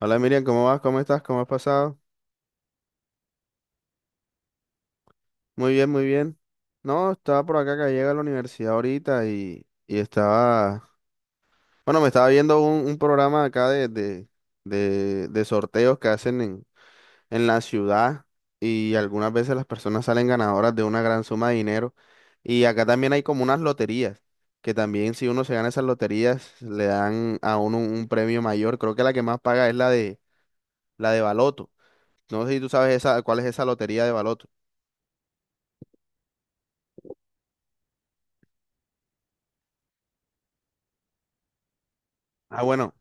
Hola Miriam, ¿cómo vas? ¿Cómo estás? ¿Cómo has pasado? Muy bien, muy bien. No, estaba por acá que llega a la universidad ahorita y estaba, bueno, me estaba viendo un programa acá de sorteos que hacen en la ciudad y algunas veces las personas salen ganadoras de una gran suma de dinero. Y acá también hay como unas loterías que también si uno se gana esas loterías le dan a uno un premio mayor. Creo que la que más paga es la de Baloto. No sé si tú sabes esa, cuál es esa lotería de Baloto. Ah, bueno.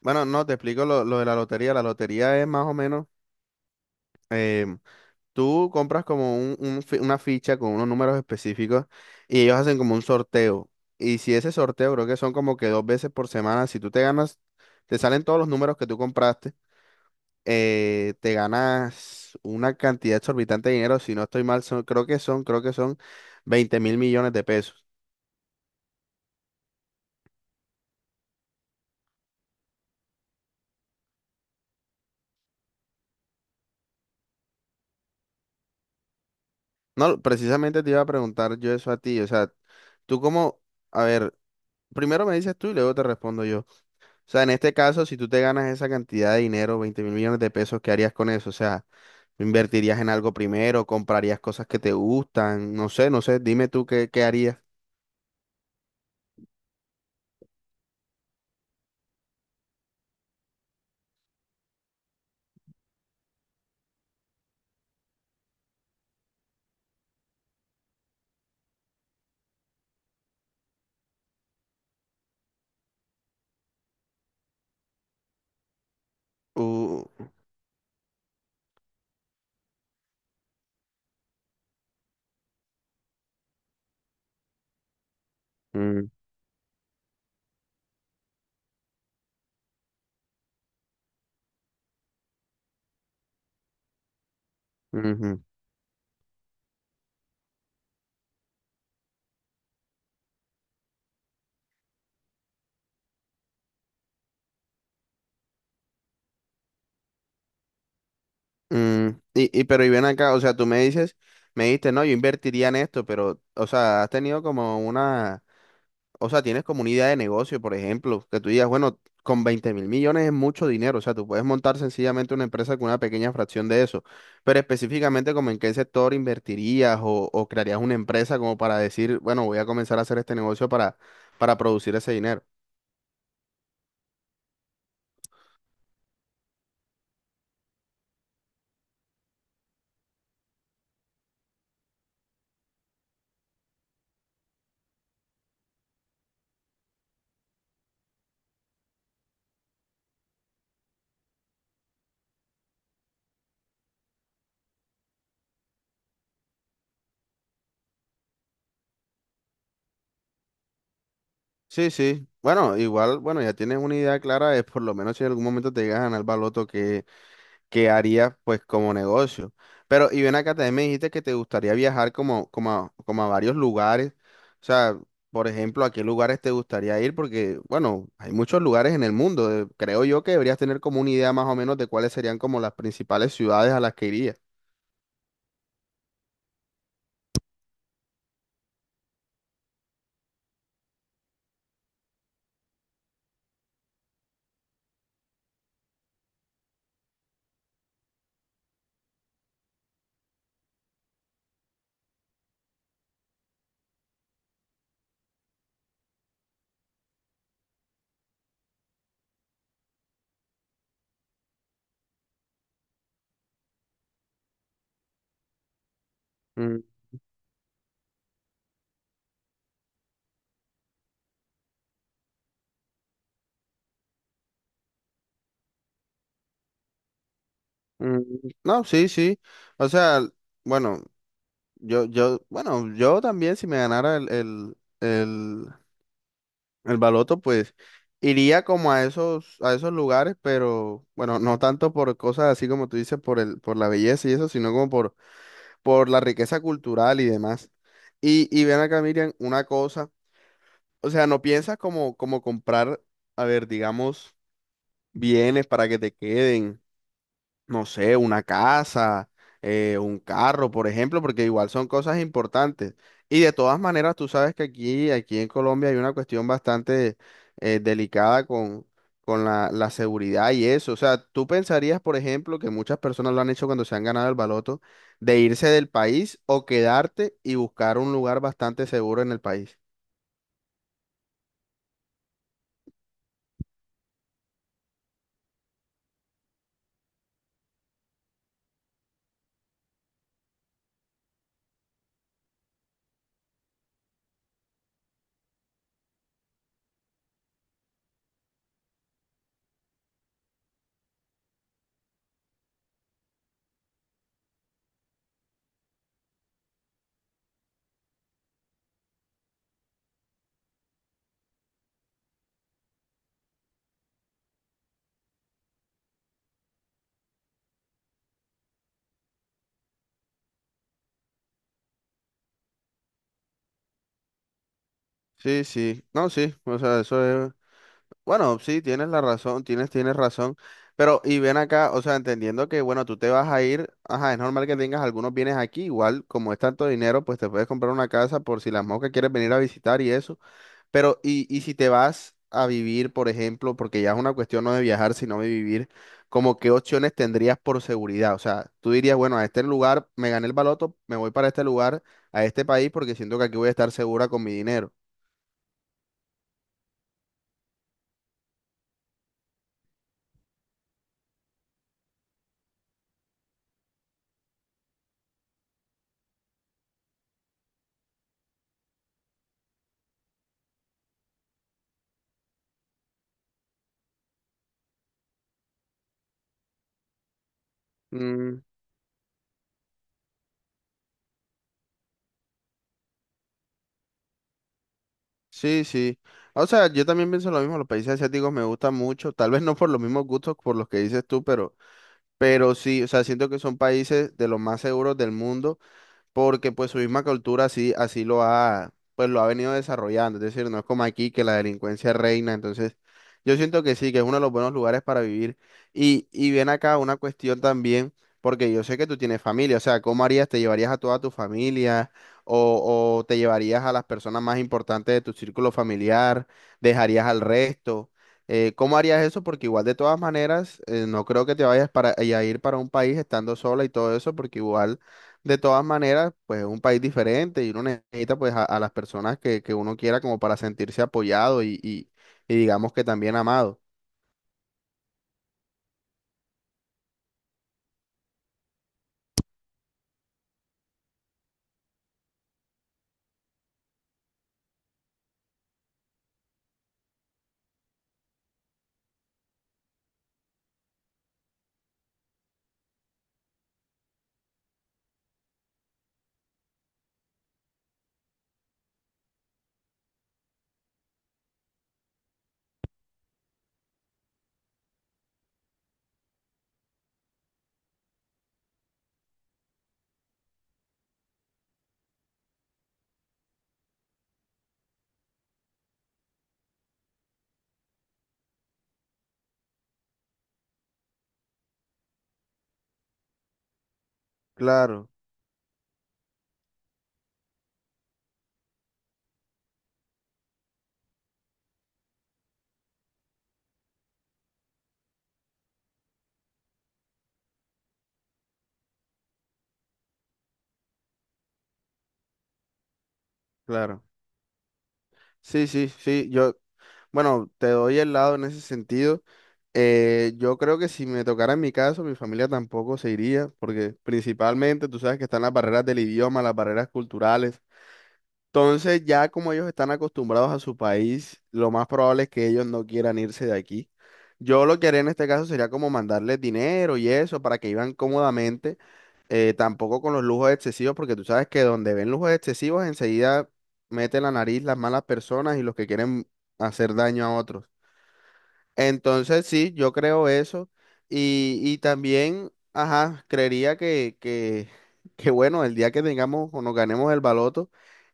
Bueno, no, te explico lo de la lotería. La lotería es más o menos, em, tú compras como una ficha con unos números específicos y ellos hacen como un sorteo. Y si ese sorteo, creo que son como que dos veces por semana, si tú te ganas, te salen todos los números que tú compraste, te ganas una cantidad exorbitante de dinero. Si no estoy mal, creo que son 20.000 millones de pesos. No, precisamente te iba a preguntar yo eso a ti. O sea, tú como, a ver, primero me dices tú y luego te respondo yo. O sea, en este caso, si tú te ganas esa cantidad de dinero, 20.000 millones de pesos, ¿qué harías con eso? O sea, ¿invertirías en algo primero? ¿Comprarías cosas que te gustan? No sé, no sé, dime tú qué, qué harías. Uh, mm, ujú, mm. Y pero y ven acá, o sea, tú me dices, me dijiste, no, yo invertiría en esto, pero, o sea, has tenido como una, o sea, tienes como una idea de negocio, por ejemplo, que tú digas, bueno, con 20.000 millones es mucho dinero. O sea, tú puedes montar sencillamente una empresa con una pequeña fracción de eso, pero específicamente como en qué sector invertirías o crearías una empresa como para decir, bueno, voy a comenzar a hacer este negocio para producir ese dinero. Sí, sí. Bueno, igual, bueno, ya tienes una idea clara de por lo menos si en algún momento te llegas a ganar el baloto, que harías pues como negocio. Pero, y ven acá, también me dijiste que te gustaría viajar como, como a, como a varios lugares. O sea, por ejemplo, ¿a qué lugares te gustaría ir? Porque, bueno, hay muchos lugares en el mundo. Creo yo que deberías tener como una idea más o menos de cuáles serían como las principales ciudades a las que irías. Mm, mm, No, sí, sí. O sea, bueno, yo, bueno, yo también si me ganara el baloto, pues, iría como a esos lugares, pero bueno, no tanto por cosas así como tú dices, por el, por la belleza y eso, sino como por la riqueza cultural y demás. Y ven acá, Miriam, una cosa, o sea, no piensas como, como comprar, a ver, digamos, bienes para que te queden, no sé, una casa, un carro, por ejemplo, porque igual son cosas importantes. Y de todas maneras, tú sabes que aquí, aquí en Colombia hay una cuestión bastante delicada con la, la seguridad y eso. O sea, tú pensarías, por ejemplo, que muchas personas lo han hecho cuando se han ganado el baloto, de irse del país o quedarte y buscar un lugar bastante seguro en el país. Sí, sí, no, sí, o sea, eso. Bueno, sí, tienes la razón, tienes, tienes razón. Pero, y ven acá, o sea, entendiendo que, bueno, tú te vas a ir, ajá, es normal que tengas algunos bienes aquí, igual, como es tanto dinero, pues te puedes comprar una casa por si las moscas quieres venir a visitar y eso. Pero, y si te vas a vivir, por ejemplo, porque ya es una cuestión no de viajar, sino de vivir, como qué opciones tendrías por seguridad. O sea, tú dirías, bueno, a este lugar me gané el baloto, me voy para este lugar, a este país, porque siento que aquí voy a estar segura con mi dinero. Mm, Sí, sí. O sea, yo también pienso lo mismo. Los países asiáticos me gustan mucho, tal vez no por los mismos gustos por los que dices tú, pero sí, o sea, siento que son países de los más seguros del mundo porque pues su misma cultura así, así lo ha, pues lo ha venido desarrollando. Es decir, no es como aquí que la delincuencia reina. Entonces yo siento que sí, que es uno de los buenos lugares para vivir. Y ven acá una cuestión también, porque yo sé que tú tienes familia. O sea, ¿cómo harías? ¿Te llevarías a toda tu familia o te llevarías a las personas más importantes de tu círculo familiar? ¿Dejarías al resto? ¿Cómo harías eso? Porque igual de todas maneras, no creo que te vayas para, a ir para un país estando sola y todo eso, porque igual... De todas maneras, pues es un país diferente y uno necesita pues a las personas que uno quiera como para sentirse apoyado y digamos que también amado. Claro, claro. Sí, sí, sí. Yo, bueno, te doy el lado en ese sentido. Yo creo que si me tocara en mi caso, mi familia tampoco se iría, porque principalmente tú sabes que están las barreras del idioma, las barreras culturales. Entonces, ya como ellos están acostumbrados a su país, lo más probable es que ellos no quieran irse de aquí. Yo lo que haría en este caso sería como mandarles dinero y eso para que vivan cómodamente, tampoco con los lujos excesivos, porque tú sabes que donde ven lujos excesivos enseguida meten la nariz las malas personas y los que quieren hacer daño a otros. Entonces, sí, yo creo eso. Y también, ajá, creería que bueno, el día que tengamos o nos ganemos el baloto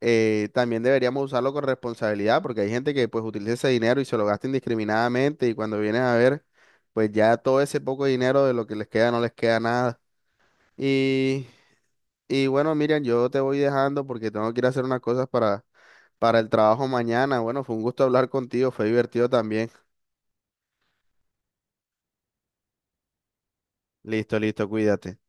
también deberíamos usarlo con responsabilidad, porque hay gente que pues utiliza ese dinero y se lo gasta indiscriminadamente y cuando vienes a ver, pues ya todo ese poco dinero de lo que les queda no les queda nada. Y, y bueno, Miriam, yo te voy dejando porque tengo que ir a hacer unas cosas para el trabajo mañana. Bueno, fue un gusto hablar contigo, fue divertido también. Listo, listo, cuídate.